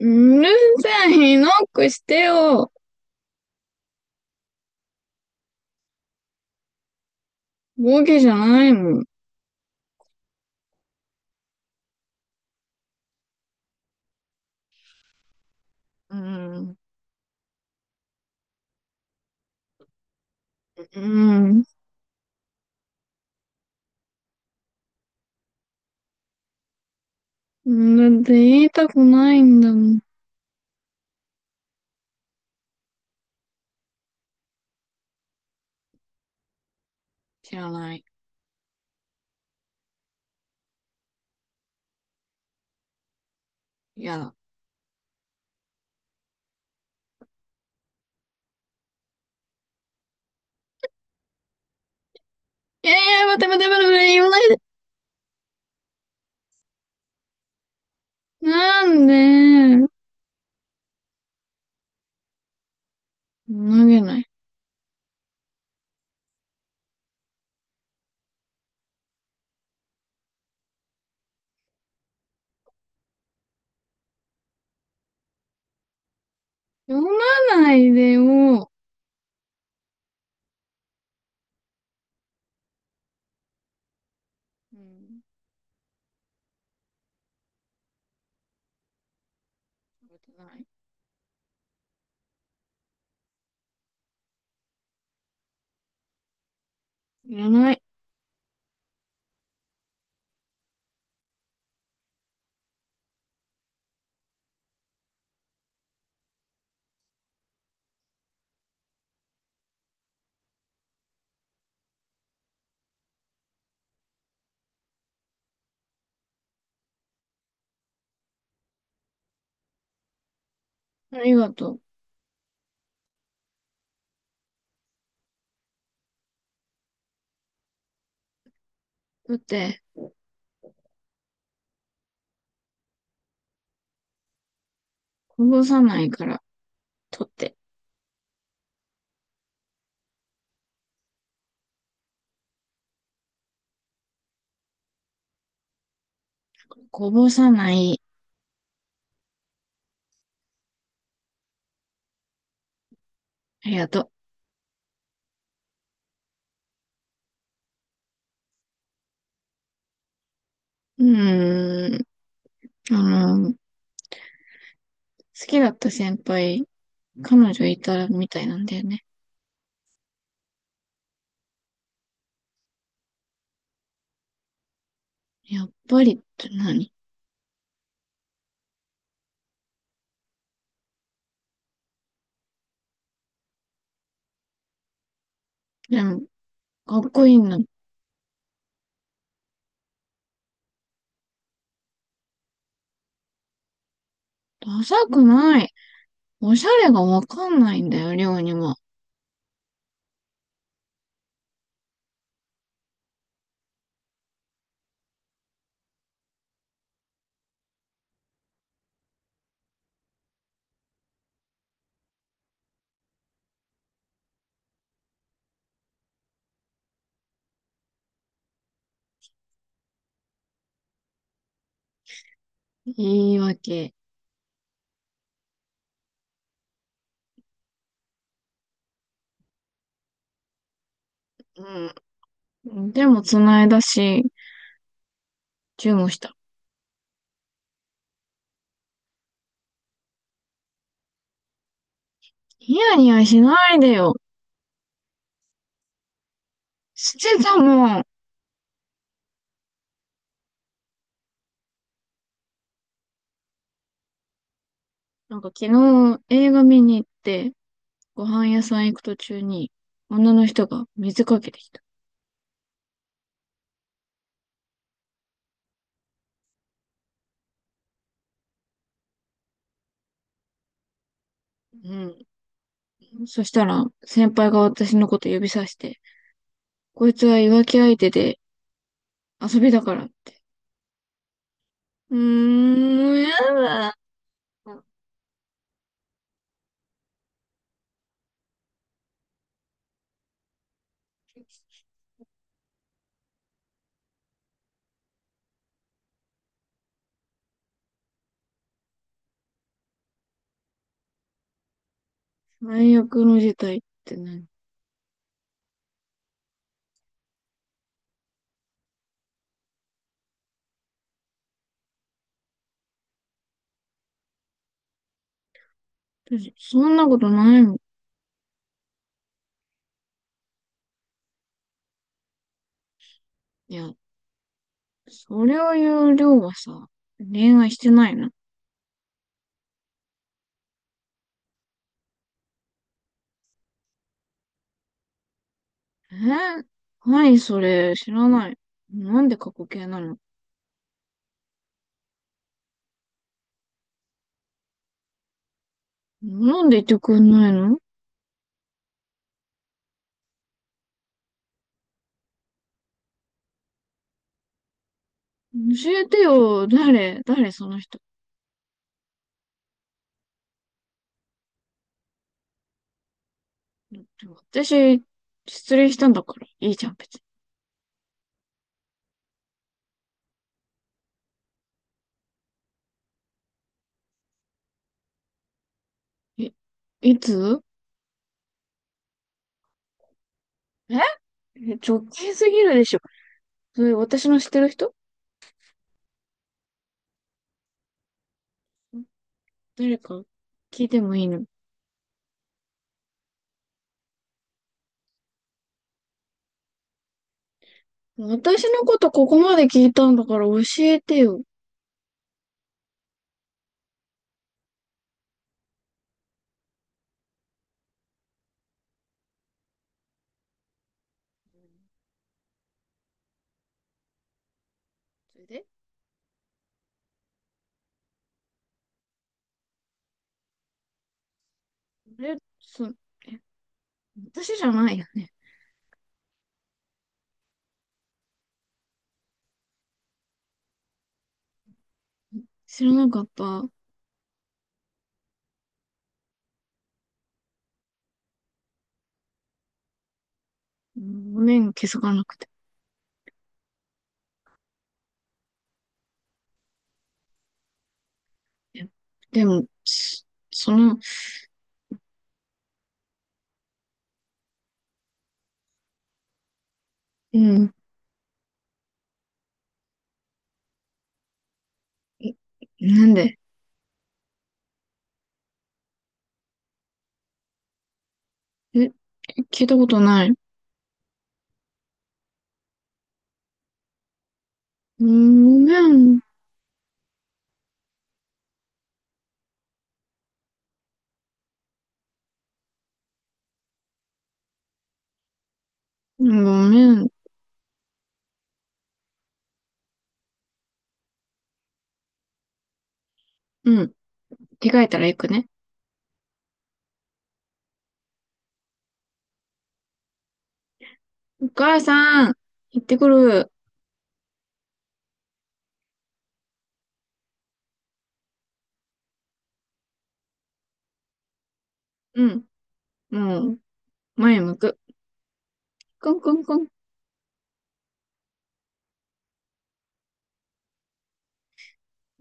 うるせえ、ノックしてよ。ボケじゃないもん。うん。うん。だって言いたくないんだもん。知らない。いやだ。いやいや、待て待て待て待て、言わないで。なんで、投げない。読まないでよ。うん。ない。いらない。ありがとう。だって、こぼさないから、取って。こぼさない。ありがとう。うーん。好きだった先輩彼女いたらみたいなんだよね。やっぱりって何？でも、かっこいいんだ。ダサくない。おしゃれがわかんないんだよ、りょうにも。言い訳。うん。でも、つないだし、チューした。ニヤニヤしないでよ。してたもん。なんか昨日映画見に行って、ご飯屋さん行く途中に、女の人が水かけてきた。うん。そしたら、先輩が私のこと指さして、こいつは浮気相手で遊びだからって。うーん、やだ。最悪の事態って何？私そんなことないもん。いや、それを言う量はさ、恋愛してないの？えー、はい、それ、知らない。なんで過去形なの？なんで言ってくんないの？教えてよ、誰、誰その人。だって私、失恋したんだから、いいじゃん、別に。いつ？ええ、直近すぎるでしょ。それ、私の知ってる人？誰か聞いてもいいの？私のことここまで聞いたんだから教えてよ。それで？あれ、え、私じゃないよね。知らなかった。ごめん、気づかなくて。でも、その、うん、え、なんで？え、聞いたことない。うん、ごめん、ごめん。うん、着替えたら行くね。お母さん、行ってくる。うん、もう、前向く。コンコンコン。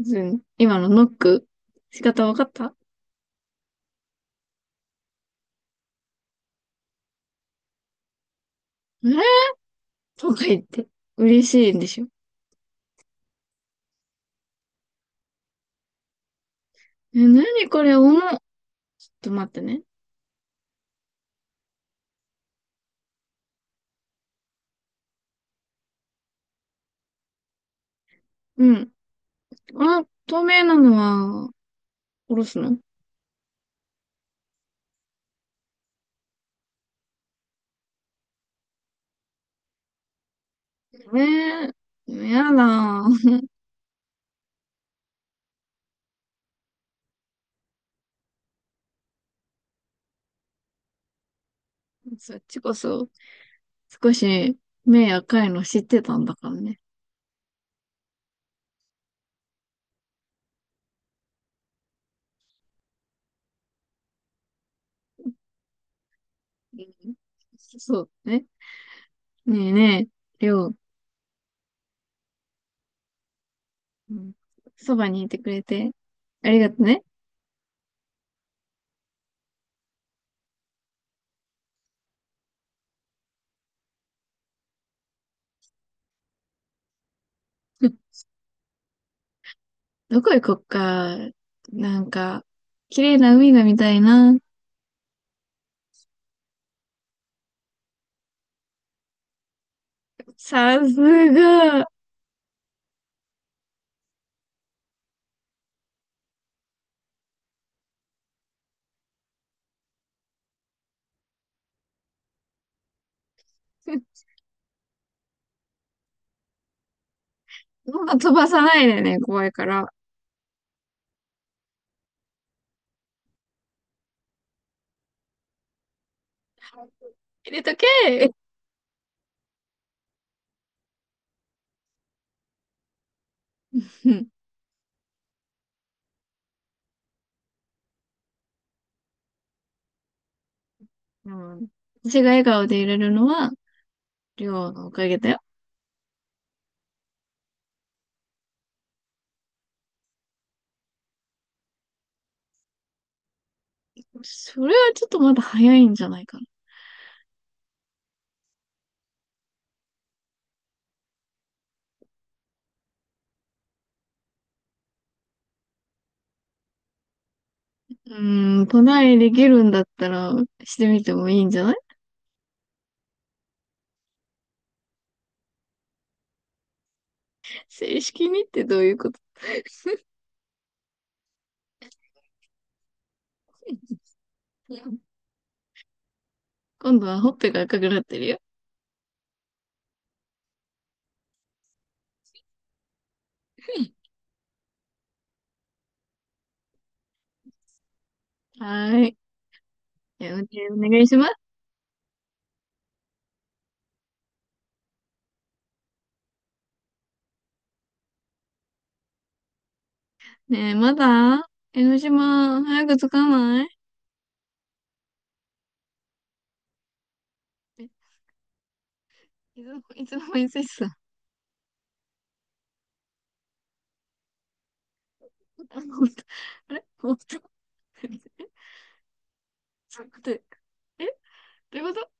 ずん今のノック、仕方わかった？あれとか言って、嬉しいんでしょ。え、なにこれ、重っ。ちょっと待ってね。うん。あ、透明なのは、おろすの？えー、やだ。そっちこそ、少し、目赤いの知ってたんだからね。うん、そうね。ねえねえ、りょう、うん、そばにいてくれて、ありがとね。どこ行こっか。なんか、綺麗な海が見たいな。さすが。まあ、飛ばさないでね、怖いから。入れとけー。うん。でも私が笑顔で入れるのは、りょうのおかげだよ。それはちょっとまだ早いんじゃないかな。うーん、トライできるんだったら、してみてもいいんじゃない？正式にってどういうこと？ 今度はほっぺが赤くなってるよ。はーい。え、お願いします。ねえ、まだ江ノ島、早く着かない？え、いつ間に着いてたあ？ほんと？ あれ、本当？ちょっと待って。え、どういうこと？